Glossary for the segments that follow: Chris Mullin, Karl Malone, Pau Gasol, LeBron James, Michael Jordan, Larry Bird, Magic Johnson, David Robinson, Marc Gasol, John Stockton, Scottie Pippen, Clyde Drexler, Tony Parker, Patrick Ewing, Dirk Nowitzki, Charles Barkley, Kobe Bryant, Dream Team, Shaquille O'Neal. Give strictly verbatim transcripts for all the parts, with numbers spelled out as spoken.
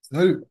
Salut.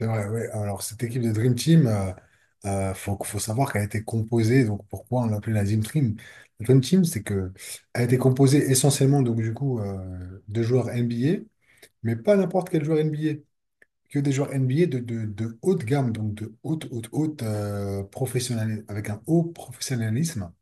C'est vrai, ouais. Alors, cette équipe de Dream Team, euh, euh, faut, faut savoir qu'elle a été composée, donc pourquoi on l'appelait la Dream Team? La Dream Team, c'est que elle a été composée essentiellement, donc du coup, euh, de joueurs N B A, mais pas n'importe quel joueur N B A, que des joueurs N B A de, de, de haute gamme, donc de haute, haute, haute euh, professionnali- avec un haut professionnalisme.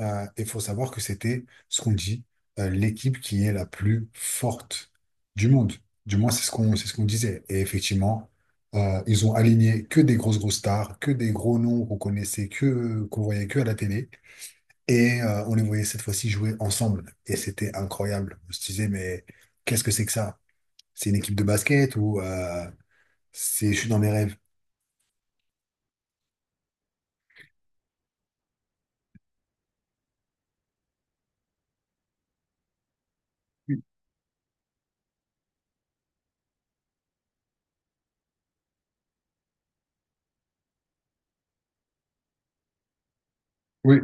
Euh, il faut savoir que c'était ce qu'on dit, euh, l'équipe qui est la plus forte du monde. Du moins, c'est ce qu'on c'est ce qu'on disait. Et effectivement, euh, ils ont aligné que des grosses grosses stars, que des gros noms qu'on connaissait, que qu'on voyait que à la télé. Et euh, on les voyait cette fois-ci jouer ensemble. Et c'était incroyable. On se disait, mais qu'est-ce que c'est que ça? C'est une équipe de basket ou euh, c'est je suis dans mes rêves? Oui, oui,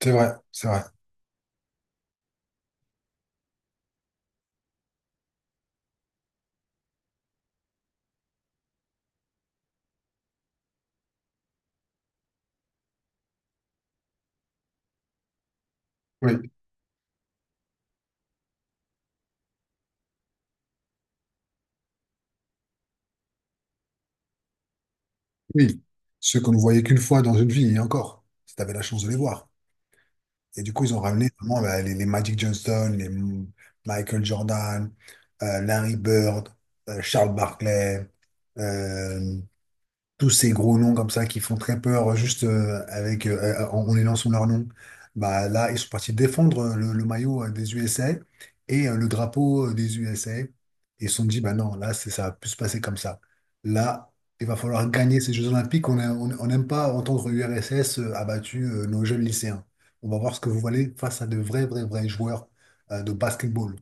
c'est vrai, c'est vrai. Oui, oui. Ceux qu'on ne voyait qu'une fois dans une vie, et encore, si tu avais la chance de les voir. Et du coup, ils ont ramené vraiment bah, les, les Magic Johnson, les M- Michael Jordan, euh, Larry Bird, euh, Charles Barkley. euh, Tous ces gros noms comme ça qui font très peur juste euh, avec euh, euh, en, en énonçant leur nom. Bah là, ils sont partis défendre euh, le, le maillot euh, des U S A et euh, le drapeau euh, des U S A. Et ils se sont dit, bah non, là, c'est, ça va plus se passer comme ça. Là, il va falloir gagner ces Jeux Olympiques. On a- on- on n'aime pas entendre U R S S euh, a euh, nos jeunes lycéens. On va voir ce que vous valez face à de vrais, vrais, vrais joueurs euh, de basketball.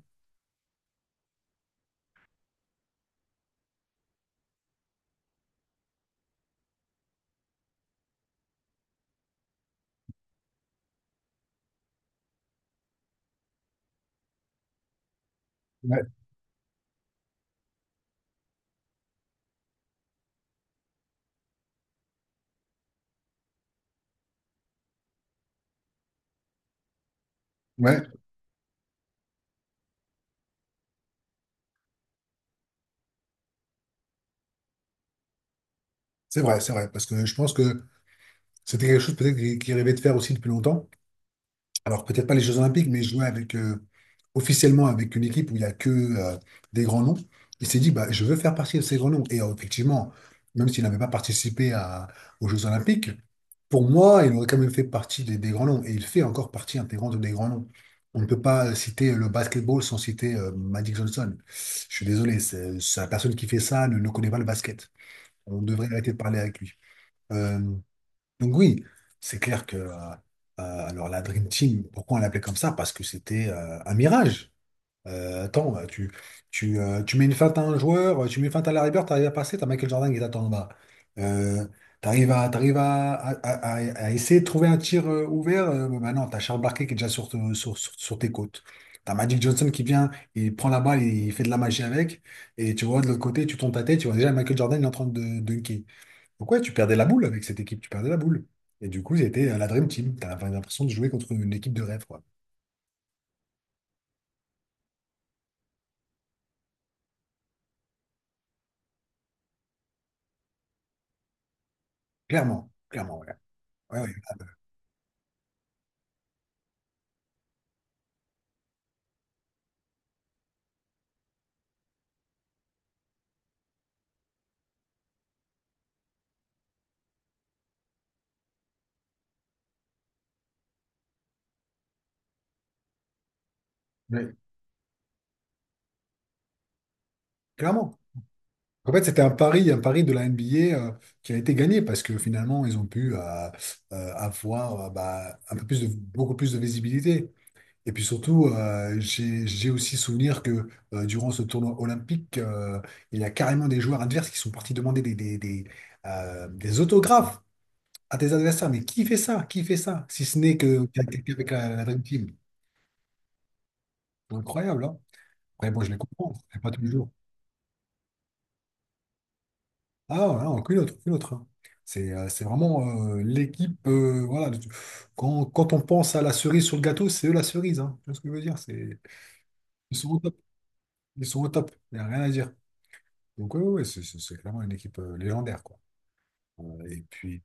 Ouais, ouais, c'est vrai, c'est vrai. Parce que je pense que c'était quelque chose peut-être qu'ils qu'ils rêvaient de faire aussi depuis longtemps. Alors peut-être pas les Jeux Olympiques, mais jouer avec, euh, officiellement avec une équipe où il n'y a que euh, des grands noms. Il s'est dit, bah, je veux faire partie de ces grands noms. Et euh, effectivement, même s'il n'avait pas participé à- aux Jeux Olympiques, pour moi, il aurait quand même fait partie des, des grands noms. Et il fait encore partie intégrante des grands noms. On ne peut pas euh, citer le basketball sans citer euh, Magic Johnson. Je suis désolé, c'est, c'est la personne qui fait ça ne, ne connaît pas le basket. On devrait arrêter de parler avec lui. Euh, donc oui, c'est clair que euh, euh, alors la Dream Team, pourquoi on l'appelait comme ça? Parce que c'était euh, un mirage. Euh, attends, euh, tu, tu, euh, tu mets une feinte à un joueur, euh, tu mets une feinte à Larry Bird, t'arrives à passer, t'as Michael Jordan qui t'attend en bas. Euh, t'arrives à, t'arrives à, à, à- À essayer de trouver un tir euh, ouvert, euh, bah non, t'as Charles Barkley qui est déjà sur, te- sur, sur, sur tes côtes. T'as Magic Johnson qui vient, il prend la balle, il fait de la magie avec, et tu vois de l'autre côté, tu tournes ta tête, tu vois déjà Michael Jordan, il est en train de dunker. Donc ouais, tu perdais la boule avec cette équipe, tu perdais la boule. Et du coup, c'était euh, la Dream Team. T'as T'avais l'impression de jouer contre une équipe de rêve, quoi. Clairement, clairement, ouais. Ouais, ouais, ah, bah, ouais, clairement. En fait, c'était un pari, un pari de la N B A euh, qui a été gagné parce que finalement, ils ont pu euh, euh, avoir euh, bah, un peu plus de, beaucoup plus de visibilité. Et puis surtout, euh, j'ai, j'ai aussi souvenir que euh, durant ce tournoi olympique, euh, il y a carrément des joueurs adverses qui sont partis demander des, des, des, euh, des autographes à tes adversaires. Mais qui fait ça? Qui fait ça? Si ce n'est que qu'il y a quelqu'un avec la, la Dream Team. Incroyable, hein? Après, bon, je les comprends, c'est pas tous les jours. Ah, voilà, aucune autre, aucune autre, hein. C'est euh, c'est vraiment euh, l'équipe. Euh, voilà, de- quand, quand on pense à la cerise sur le gâteau, c'est eux la cerise. Hein. Tu vois ce que je veux dire? C'est, ils sont au top. Ils sont au top. Il n'y a rien à dire. Donc, oui, c'est c'est- c'est clairement une équipe euh, légendaire, quoi. Euh, et puis.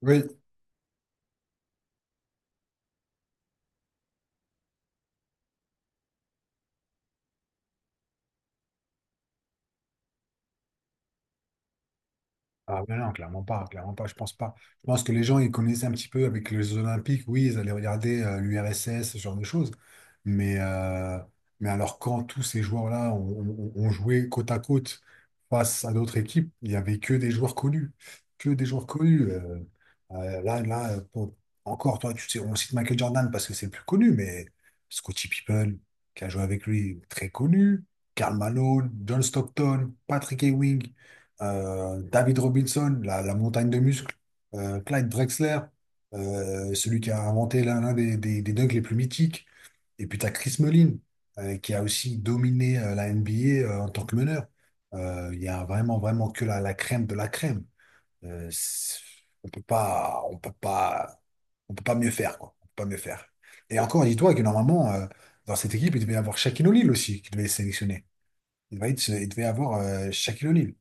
Oui, ah mais non, clairement pas, clairement pas, je pense pas. Je pense que les gens, ils connaissaient un petit peu avec les Jeux Olympiques, oui, ils allaient regarder euh, l'U R S S, ce genre de choses. Mais, euh, mais alors quand tous ces joueurs-là ont, ont- ont joué côte à côte face à d'autres équipes, il n'y avait que des joueurs connus. Que des joueurs connus. Euh, euh, là, là, euh, pour- Encore, toi, tu sais, on cite Michael Jordan parce que c'est le plus connu, mais Scottie Pippen, qui a joué avec lui, très connu. Karl Malone, John Stockton, Patrick Ewing, euh, David Robinson, la, la montagne de muscles, euh, Clyde Drexler, euh, celui qui a inventé l'un l'un des, des, des dunks les plus mythiques. Et puis tu as Chris Mullin, euh, qui a aussi dominé euh, la N B A euh, en tant que meneur. Euh, Il y a vraiment, vraiment que la, la crème de la crème. Euh, c'est- on peut pas, on peut pas, on peut pas mieux faire, quoi. On peut pas mieux faire. Et encore, dis-toi que normalement, euh, dans cette équipe, il devait y avoir Shaquille O'Neal aussi, qui devait être sélectionné. Il devait, être- il devait avoir euh, Shaquille O'Neal.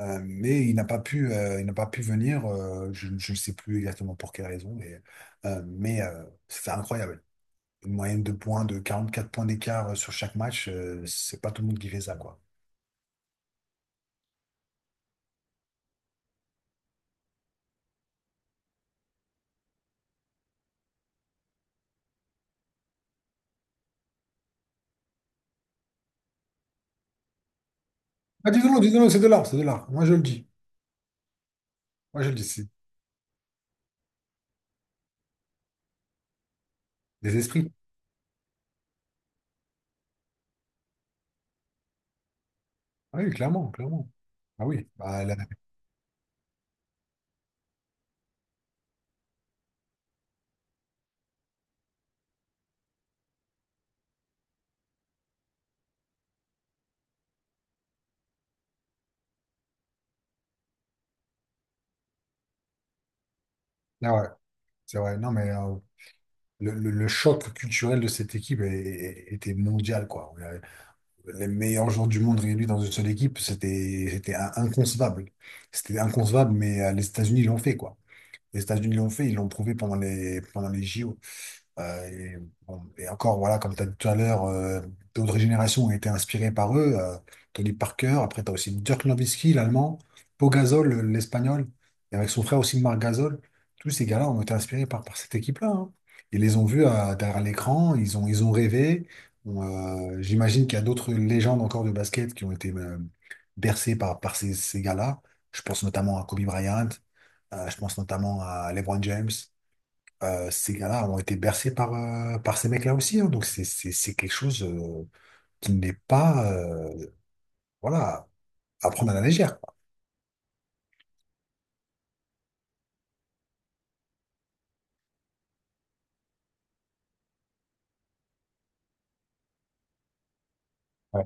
Euh, mais il n'a pas pu, euh, il n'a pas pu venir. Euh, je je ne sais plus exactement pour quelle raison. Mais, euh, mais euh, c'était incroyable. Une moyenne de points de quarante-quatre points d'écart euh, sur chaque match, euh, c'est pas tout le monde qui fait ça, quoi. Ah, disons-le, disons-le, c'est de l'art, c'est de l'art. Moi, je le dis. Moi, je le dis. C'est des esprits. Ah oui, clairement, clairement. Ah oui, bah, là, là, ouais, c'est vrai. Non, mais euh, le, le- le choc culturel de cette équipe est- est- était mondial, quoi. Les meilleurs joueurs du monde réunis dans une seule équipe, c'était c'était in- inconcevable. C'était inconcevable, mais euh, les États-Unis l'ont fait, quoi. Les États-Unis l'ont fait, ils l'ont prouvé pendant les pendant les J O. Euh, et, bon, et encore, voilà, comme tu as dit tout à l'heure, euh, d'autres générations ont été inspirées par eux. euh, Tony Parker, après, tu as aussi Dirk Nowitzki, l'Allemand, Pau Gasol, le- l'Espagnol, et avec son frère aussi Marc Gasol. Tous ces gars-là ont été inspirés par, par cette équipe-là, hein. Ils les ont vus euh, derrière l'écran, ils ont, ils ont rêvé. Bon, euh, j'imagine qu'il y a d'autres légendes encore de basket qui ont été euh, bercées par, par ces, ces gars-là. Je pense notamment à Kobe Bryant, euh, je pense notamment à LeBron James. Euh, ces gars-là ont été bercés par, euh, par ces mecs-là aussi, hein. Donc c'est c'est- c'est quelque chose euh, qui n'est pas euh, voilà, à prendre à la légère, quoi. Ouais.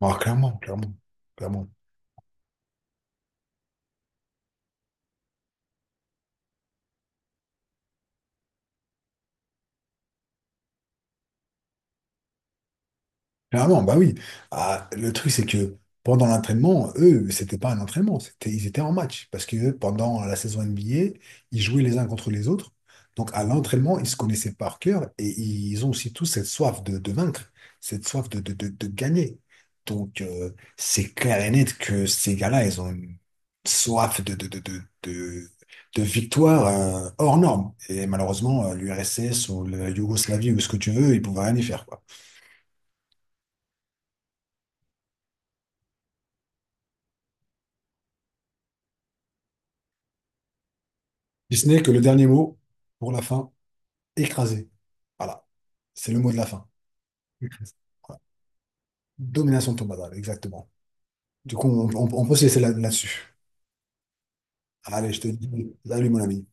Ah, clairement, clairement, clairement. Clairement, bah oui. Ah, le truc, c'est que pendant l'entraînement, eux, c'était pas un entraînement, c'était, ils étaient en match. Parce que pendant la saison N B A, ils jouaient les uns contre les autres. Donc à l'entraînement, ils se connaissaient par cœur et ils ont aussi tous cette soif de, de vaincre, cette soif de, de, de, de gagner. Donc euh, c'est clair et net que ces gars-là, ils ont une soif de, de, de, de, de, de victoire euh, hors norme. Et malheureusement, euh, l'U R S S ou la Yougoslavie ou ce que tu veux, ils pouvaient rien y faire, quoi. Si ce n'est que le dernier mot pour la fin, écrasé. Voilà. C'est le mot de la fin. Écrasé. Voilà. Domination de exactement. Du coup, on, on- on peut se laisser là- là-dessus. Allez, je te dis, bon, salut mon ami.